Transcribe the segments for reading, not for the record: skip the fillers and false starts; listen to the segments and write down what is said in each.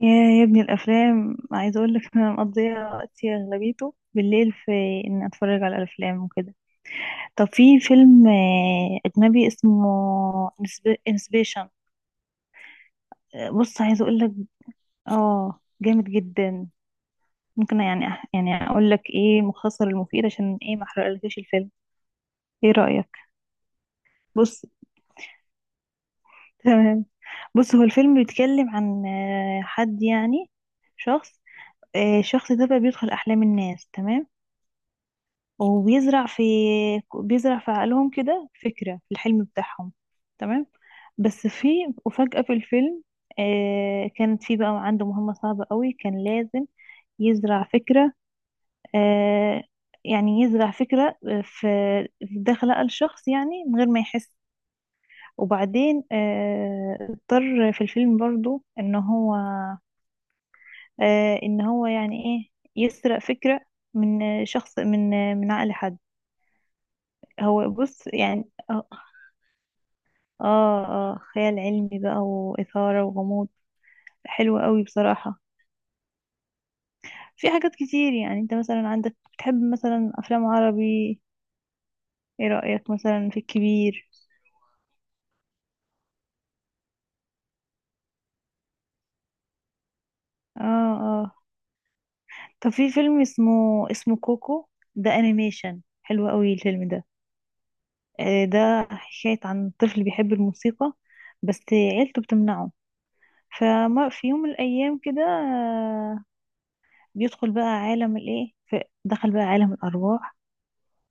يا يا ابني، الافلام عايزه اقول لك انا مقضيه وقتي اغلبيته بالليل في ان اتفرج على الافلام وكده. طب في فيلم اجنبي اسمه انسبيشن. بص عايزه اقول لك اه جامد جدا. ممكن يعني اقول لك ايه مختصر المفيد عشان ايه ما احرقلكش الفيلم، ايه رايك؟ بص، تمام. بص هو الفيلم بيتكلم عن حد، يعني شخص. الشخص ده بقى بيدخل احلام الناس، تمام، وبيزرع في عقلهم كده فكرة في الحلم بتاعهم، تمام. بس في وفجأة في الفيلم، كانت في بقى عنده مهمة صعبة قوي، كان لازم يزرع فكرة، آه يعني يزرع فكرة في داخل عقل شخص يعني من غير ما يحس. وبعدين اضطر في الفيلم برضو ان هو يعني ايه، يسرق فكرة من شخص، من عقل حد. هو بص يعني اه اه، خيال علمي بقى وإثارة وغموض. حلو قوي بصراحة. في حاجات كتير. يعني انت مثلا عندك بتحب مثلا أفلام عربي، ايه رأيك مثلا في الكبير؟ اه اه، طب في فيلم اسمه كوكو. ده انيميشن حلو قوي الفيلم ده. ده حكاية عن طفل بيحب الموسيقى، بس عيلته بتمنعه. فما في يوم من الأيام كده، بيدخل بقى عالم الايه ف- دخل بقى عالم الأرواح،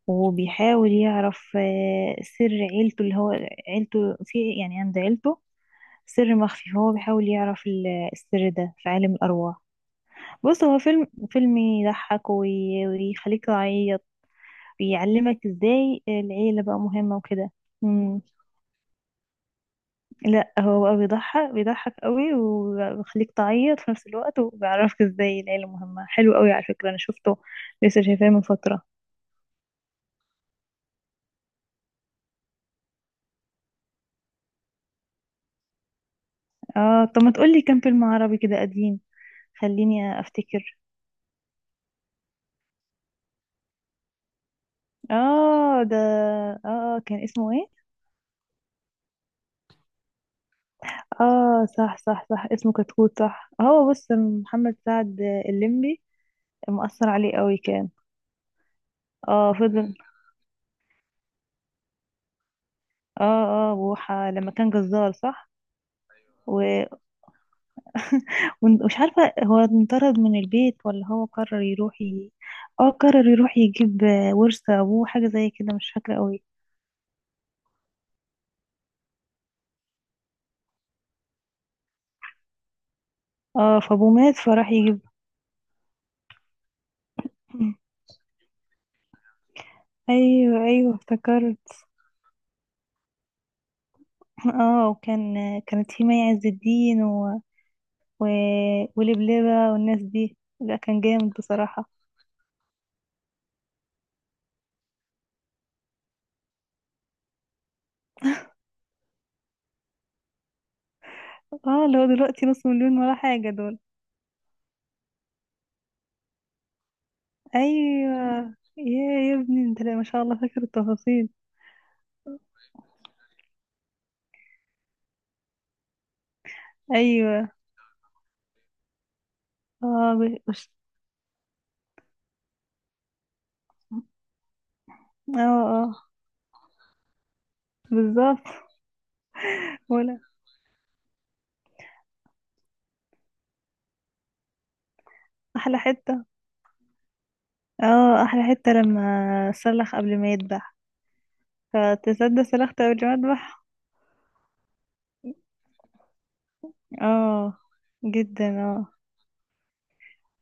وبيحاول يعرف سر عيلته، اللي هو عيلته في، يعني عند عيلته سر مخفي، فهو بيحاول يعرف السر ده في عالم الأرواح. بص هو فيلم يضحك ويخليك تعيط، بيعلمك ازاي العيلة بقى مهمة وكده. مم. لا، هو بقى بيضحك بيضحك قوي وبيخليك تعيط في نفس الوقت، وبيعرفك ازاي العيلة مهمة. حلو قوي على فكرة، انا شفته لسه، شايفاه من فترة. اه، طب ما تقولي كام فيلم عربي كده قديم. خليني افتكر. اه ده، كان اسمه ايه؟ اه صح صح صح، اسمه كتكوت. صح، هو بص محمد سعد، الليمبي مأثر عليه قوي كان. اه، فضل. اه اه، بوحة لما كان جزار، صح. و- ومش عارفة هو انطرد من البيت ولا هو قرر يروح اه قرر يروح يجيب ورث ابوه، حاجة زي كده، مش فاكرة قوي. اه، فابوه مات فراح يجيب. ايوه ايوه، افتكرت. اه، كانت في مي عز الدين و... ولبلبة والناس دي. لا، كان جامد بصراحة. اه، اللي هو دلوقتي نص مليون ولا حاجة دول. ايوه، يا ابني انت، لا ما شاء الله، فاكر التفاصيل. ايوه، اه، اه اه، بالظبط. ولا احلى حتة. اه، احلى حتة لما سلخ قبل ما يذبح، فتصدق سلخت قبل ما اذبح. اه، جدا، اه.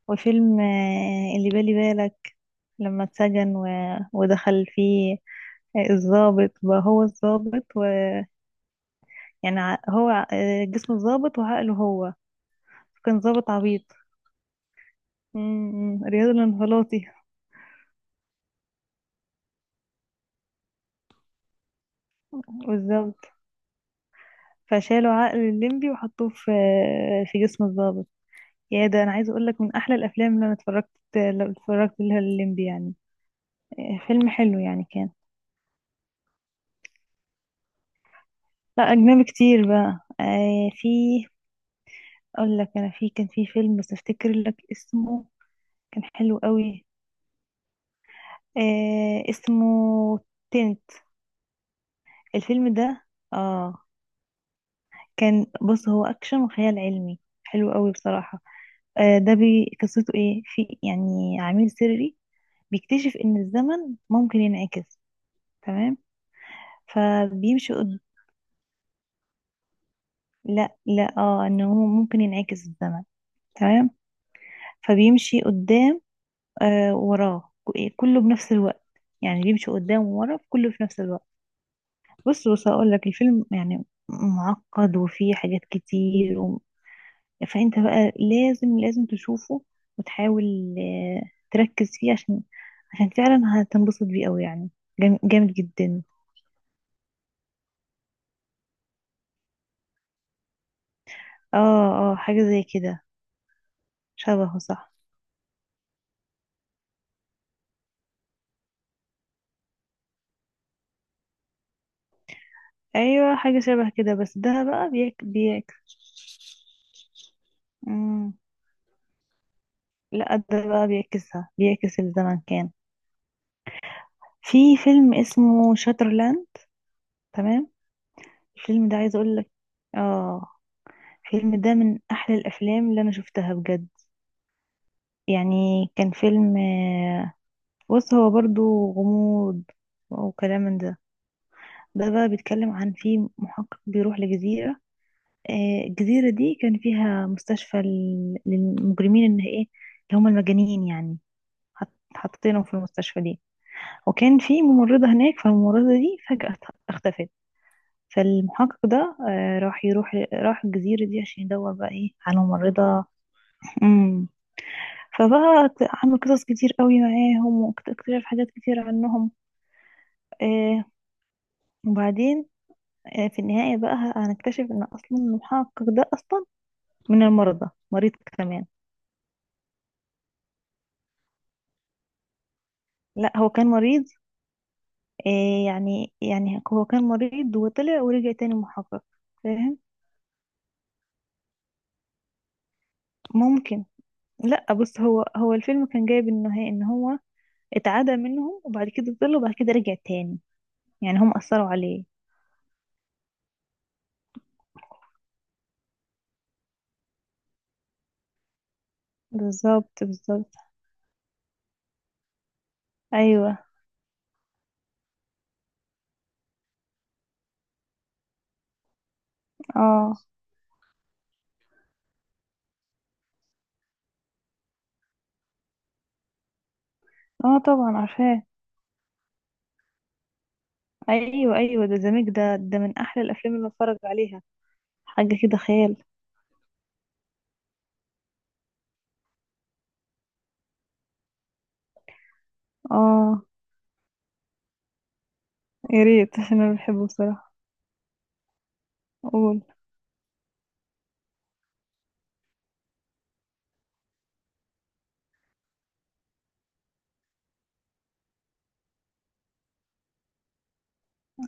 وفيلم اللي بالي بالك، لما اتسجن ودخل فيه الظابط، بقى هو الظابط، ويعني هو جسم الظابط وعقله هو. كان ظابط عبيط. رياضي الانفلاطي. بالظبط. فشالوا عقل الليمبي وحطوه في جسم الظابط. يا ده انا عايزه اقول لك، من احلى الافلام اللي انا اتفرجت، لو اتفرجت لها الليمبي يعني. فيلم حلو يعني كان. لا، اجنبي كتير بقى. في اقول لك، انا كان في فيلم بس افتكر لك اسمه، كان حلو قوي. اسمه تنت، الفيلم ده. اه، كان بص هو اكشن وخيال علمي، حلو قوي بصراحة. ده قصته ايه، في يعني عميل سري بيكتشف ان الزمن ممكن ينعكس، تمام. فبيمشي لا لا، اه، ان هو ممكن ينعكس الزمن، تمام. فبيمشي قدام وراه ك- إيه، كله بنفس الوقت، يعني بيمشي قدام وورا كله في نفس الوقت. بص بص، هقول لك الفيلم يعني معقد وفيه حاجات كتير، فانت بقى لازم لازم تشوفه وتحاول آه، تركز فيه، عشان فعلا هتنبسط بيه قوي يعني، جامد جدا. اه اه، حاجة زي كده، شبهه صح. ايوه، حاجة شبه كده، بس ده بقى بيك بيك. مم. لا، ده بقى بيعكسها، بيعكس الزمن كان. في فيلم اسمه شاترلاند، تمام. الفيلم ده عايز اقول لك، اه الفيلم ده من احلى الافلام اللي انا شفتها بجد يعني. كان فيلم، بص هو برضو غموض وكلام من ده. ده بقى بيتكلم عن في محقق بيروح لجزيرة، الجزيرة دي كان فيها مستشفى للمجرمين، ان ايه، اللي هم المجانين يعني. حطينهم في المستشفى دي، وكان في ممرضة هناك، فالممرضة دي فجأة اختفت. فالمحقق ده راح الجزيرة دي عشان يدور بقى ايه على ممرضة. فبقى عامل قصص كتير قوي معاهم، واكتشف حاجات كتير عنهم. آه وبعدين في النهاية بقى هنكتشف ان اصلا المحقق ده اصلا من المرضى، مريض كمان. لا، هو كان مريض. يعني هو كان مريض وطلع ورجع تاني محقق، فاهم. ممكن. لا بص، هو الفيلم كان جايب النهاية ان هو اتعدى منهم وبعد كده طلع وبعد كده رجع تاني، يعني هم اثروا عليه. بالظبط بالظبط. ايوه، اه اه، طبعا عارفاه. ايوه ايوه، ده زميك ده. ده من احلى الافلام اللي بتفرج عليها، حاجه كده خيال. اه يا ريت، عشان انا بحبه بصراحه. قول.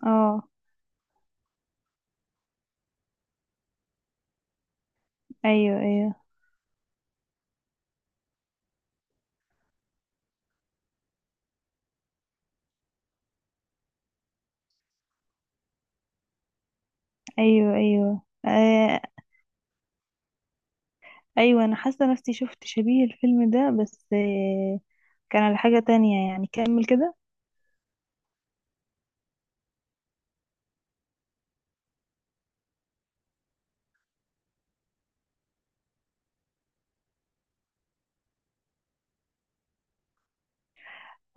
اه، ايوه ايوه ايوه ايوه آه ايوه. انا حاسه نفسي شفت شبيه الفيلم ده، بس كان على حاجه تانية يعني. كمل كده.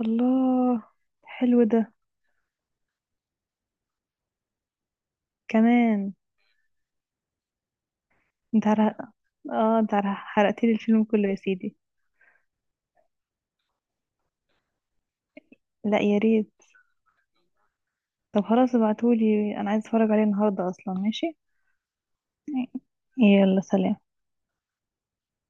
الله. حلو ده كمان. انت عرق... اه انت حرقت لي الفيلم كله يا سيدي. لا يا ريت. طب خلاص، ابعتولي، انا عايز اتفرج عليه النهارده اصلا، ماشي. يلا سلام.